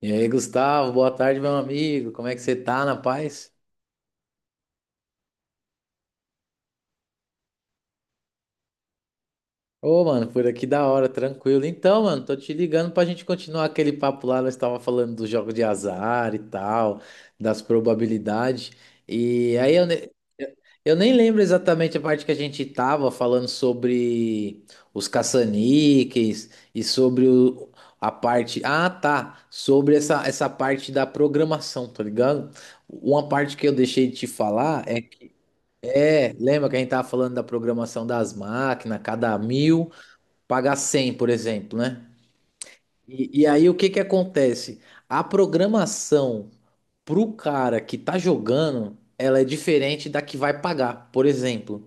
E aí, Gustavo, boa tarde, meu amigo. Como é que você tá, na paz? Ô, mano, por aqui da hora, tranquilo. Então, mano, tô te ligando pra gente continuar aquele papo lá. Nós tava falando do jogo de azar e tal, das probabilidades. E aí eu nem lembro exatamente a parte que a gente tava falando sobre os caça-níqueis e a parte. Ah, tá. Sobre essa parte da programação, tá ligado? Uma parte que eu deixei de te falar é. É, lembra que a gente tava falando da programação das máquinas, cada mil paga cem, por exemplo, né? E aí o que que acontece? A programação pro cara que tá jogando, ela é diferente da que vai pagar. Por exemplo,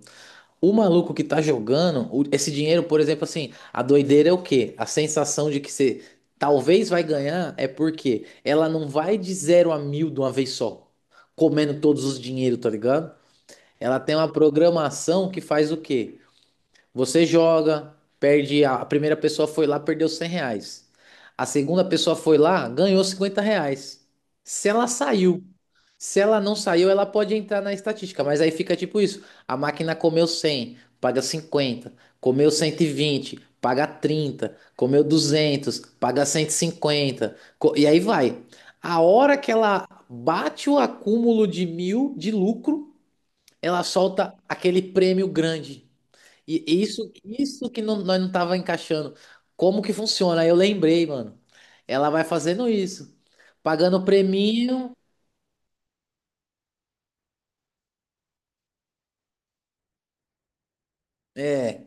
o maluco que tá jogando, esse dinheiro, por exemplo, assim, a doideira é o quê? A sensação de que você talvez vai ganhar é porque ela não vai de zero a mil de uma vez só, comendo todos os dinheiros, tá ligado? Ela tem uma programação que faz o quê? Você joga, perde. A primeira pessoa foi lá, perdeu 100 reais. A segunda pessoa foi lá, ganhou 50 reais. Se ela saiu, se ela não saiu, ela pode entrar na estatística, mas aí fica tipo isso: a máquina comeu 100, paga 50; comeu 120, paga 30; comeu 200, paga 150, e aí vai. A hora que ela bate o acúmulo de mil de lucro, ela solta aquele prêmio grande. E isso que nós não tava encaixando. Como que funciona? Aí eu lembrei, mano. Ela vai fazendo isso, pagando o preminho. É,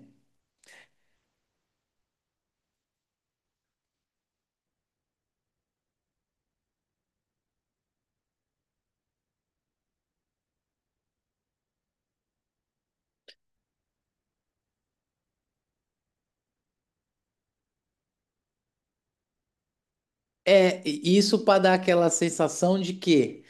e isso para dar aquela sensação de que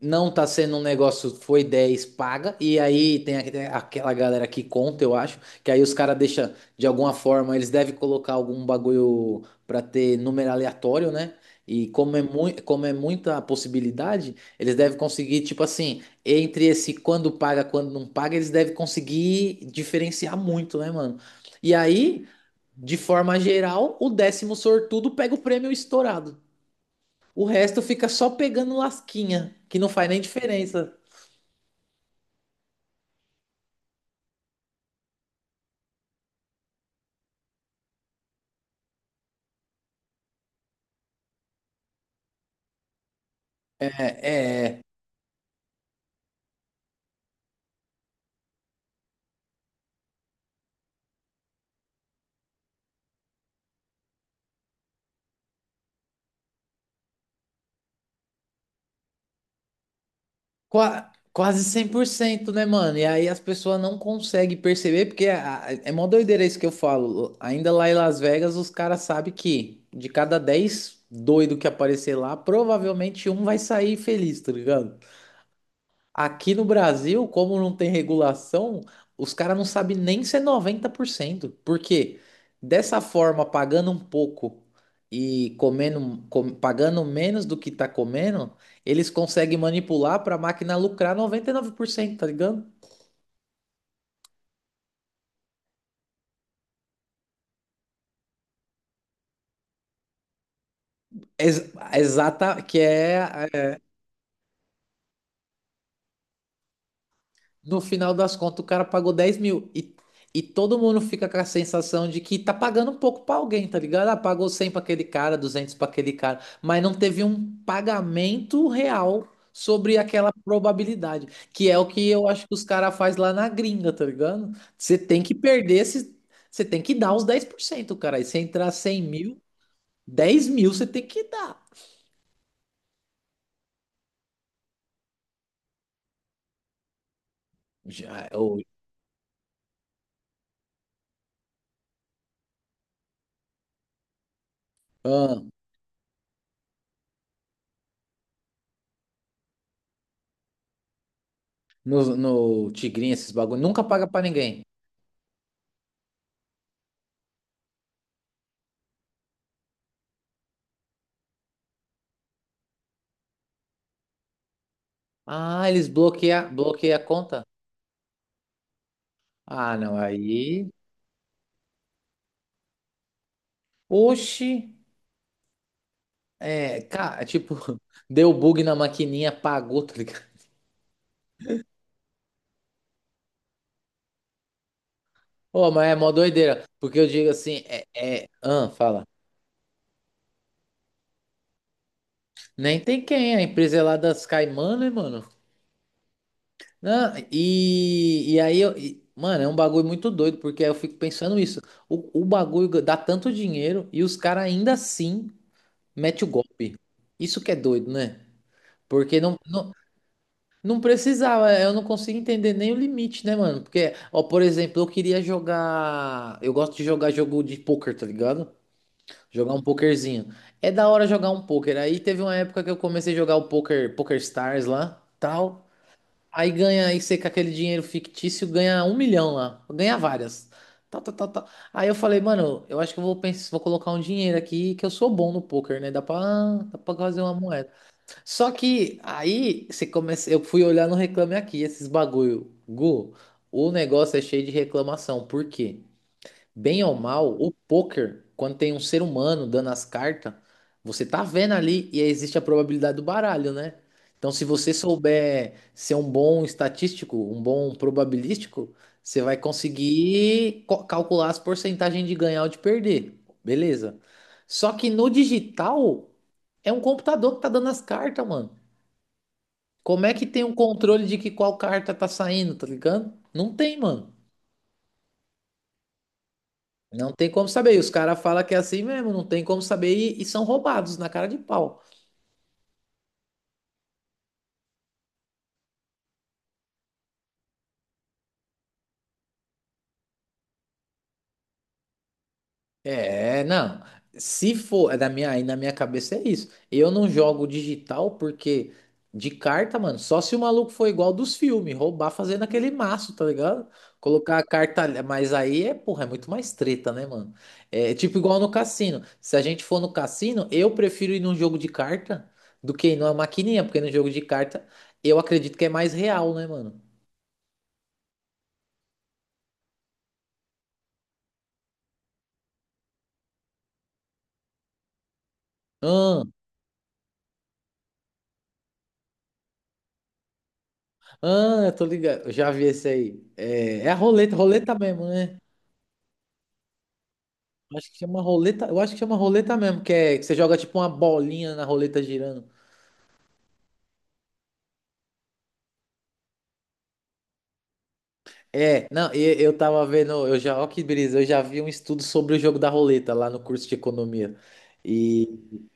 não tá sendo um negócio, foi 10 paga, e aí tem tem aquela galera que conta, eu acho, que aí os caras deixam, de alguma forma, eles devem colocar algum bagulho pra ter número aleatório, né? E como é, como é muita possibilidade, eles devem conseguir, tipo assim, entre esse quando paga, quando não paga, eles devem conseguir diferenciar muito, né, mano? E aí, de forma geral, o décimo sortudo pega o prêmio estourado. O resto fica só pegando lasquinha, que não faz nem diferença. É, é quase 100%, né, mano? E aí as pessoas não conseguem perceber, porque é mó doideira isso que eu falo. Ainda lá em Las Vegas, os caras sabem que de cada 10 doido que aparecer lá, provavelmente um vai sair feliz, tá ligado? Aqui no Brasil, como não tem regulação, os caras não sabem nem se é 90%, porque dessa forma, pagando um pouco e comendo, pagando menos do que tá comendo, eles conseguem manipular para a máquina lucrar 99%. Tá ligado? Exata, que é. No final das contas, o cara pagou 10 mil. E todo mundo fica com a sensação de que tá pagando um pouco pra alguém, tá ligado? Ah, pagou 100 pra aquele cara, 200 pra aquele cara. Mas não teve um pagamento real sobre aquela probabilidade. Que é o que eu acho que os caras faz lá na gringa, tá ligado? Você tem que perder, você tem que dar os 10%, cara. E se entrar 100 mil, 10 mil você tem que dar. Já, ou, ah, no Tigrinho, esses bagulho, nunca paga pra ninguém. Ah, eles bloqueiam, bloqueiam a conta? Ah, não, aí. Oxi, é, cara, tipo, deu bug na maquininha, pagou, tá ligado? Ô, mas é mó doideira, porque eu digo assim, é, é, ah, fala, nem tem quem, a empresa é lá das Caimã, né, mano? Não, e aí, eu, mano, é um bagulho muito doido, porque aí eu fico pensando isso, o bagulho dá tanto dinheiro e os caras ainda assim metem o golpe. Isso que é doido, né? Porque não precisava, é, eu não consigo entender nem o limite, né, mano? Porque, ó, por exemplo, eu queria jogar. Eu gosto de jogar jogo de poker, tá ligado? Jogar um pokerzinho. É da hora jogar um poker. Aí teve uma época que eu comecei a jogar o poker, Poker Stars lá, tal. Aí ganha, aí você com aquele dinheiro fictício ganha 1 milhão lá. Ganha várias. Tal, tal, tal, tal. Aí eu falei, mano, eu acho que eu vou pensar, vou colocar um dinheiro aqui que eu sou bom no poker, né? Dá pra fazer uma moeda. Só que aí você começa, eu fui olhar no Reclame Aqui, esses bagulho. Gu, o negócio é cheio de reclamação. Por quê? Bem ou mal, o poker, quando tem um ser humano dando as cartas, você tá vendo ali e aí existe a probabilidade do baralho, né? Então, se você souber ser um bom estatístico, um bom probabilístico, você vai conseguir calcular as porcentagens de ganhar ou de perder. Beleza. Só que no digital é um computador que tá dando as cartas, mano. Como é que tem um controle de que qual carta tá saindo, tá ligado? Não tem, mano. Não tem como saber. E os caras falam que é assim mesmo, não tem como saber e são roubados na cara de pau. É, não. Se for, é da minha, aí na minha cabeça é isso. Eu não jogo digital porque de carta, mano, só se o maluco for igual dos filmes, roubar fazendo aquele maço, tá ligado? Colocar a carta, mas aí é, porra, é muito mais treta, né, mano? É tipo igual no cassino. Se a gente for no cassino, eu prefiro ir num jogo de carta do que ir numa maquininha, porque no jogo de carta eu acredito que é mais real, né, mano? Ah, ah, eu tô ligado. Eu já vi esse aí. É, é a roleta, roleta mesmo, né? Acho que chama roleta, eu acho que chama roleta mesmo, que é que você joga tipo uma bolinha na roleta girando. É, não, eu, tava vendo, eu já, ó que brisa, eu já vi um estudo sobre o jogo da roleta lá no curso de economia. E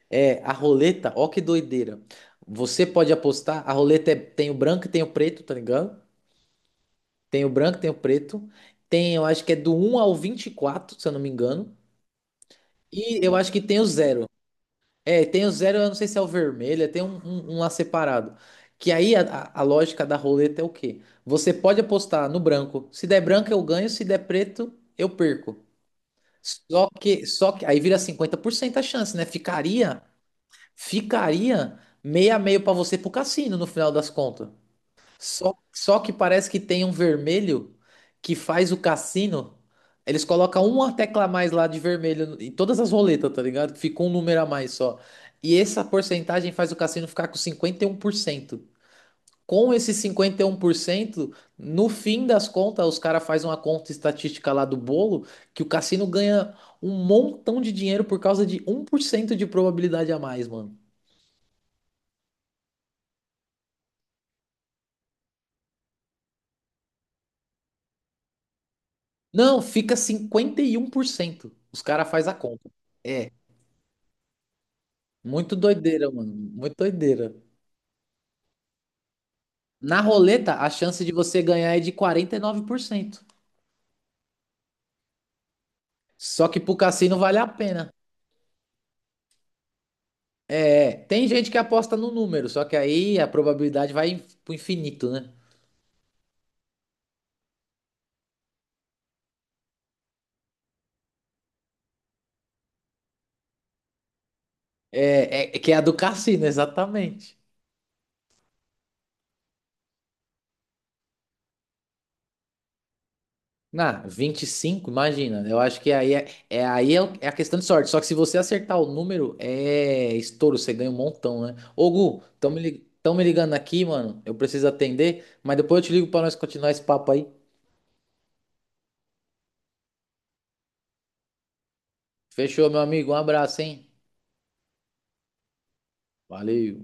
é, a roleta, ó que doideira. Você pode apostar, a tem o branco e tem o preto, tá ligado? Tem o branco, tem o preto. Tem, eu acho que é do um ao 24, se eu não me engano. E eu acho que tem o zero. É, tem o zero, eu não sei se é o vermelho, tem um lá separado. Que aí a lógica da roleta é o quê? Você pode apostar no branco. Se der branco, eu ganho, se der preto, eu perco. Só que aí vira 50% a chance, né? Ficaria, ficaria meia a meio pra você pro cassino no final das contas. Só que parece que tem um vermelho que faz o cassino. Eles colocam uma tecla a mais lá de vermelho em todas as roletas, tá ligado? Que fica um número a mais só. E essa porcentagem faz o cassino ficar com 51%. Com esse 51%, no fim das contas, os caras fazem uma conta estatística lá do bolo que o cassino ganha um montão de dinheiro por causa de 1% de probabilidade a mais, mano. Não, fica 51%. Os caras fazem a conta. É. Muito doideira, mano. Muito doideira. Na roleta, a chance de você ganhar é de 49%. Só que pro cassino vale a pena. É, tem gente que aposta no número, só que aí a probabilidade vai pro infinito, né? É, que é a do cassino, exatamente. Na 25, imagina. Eu acho que aí é, aí é, é a questão de sorte. Só que se você acertar o número, é estouro, você ganha um montão, né? Ô, Gu, tão me ligando aqui, mano. Eu preciso atender, mas depois eu te ligo pra nós continuar esse papo aí. Fechou, meu amigo. Um abraço, hein? Valeu.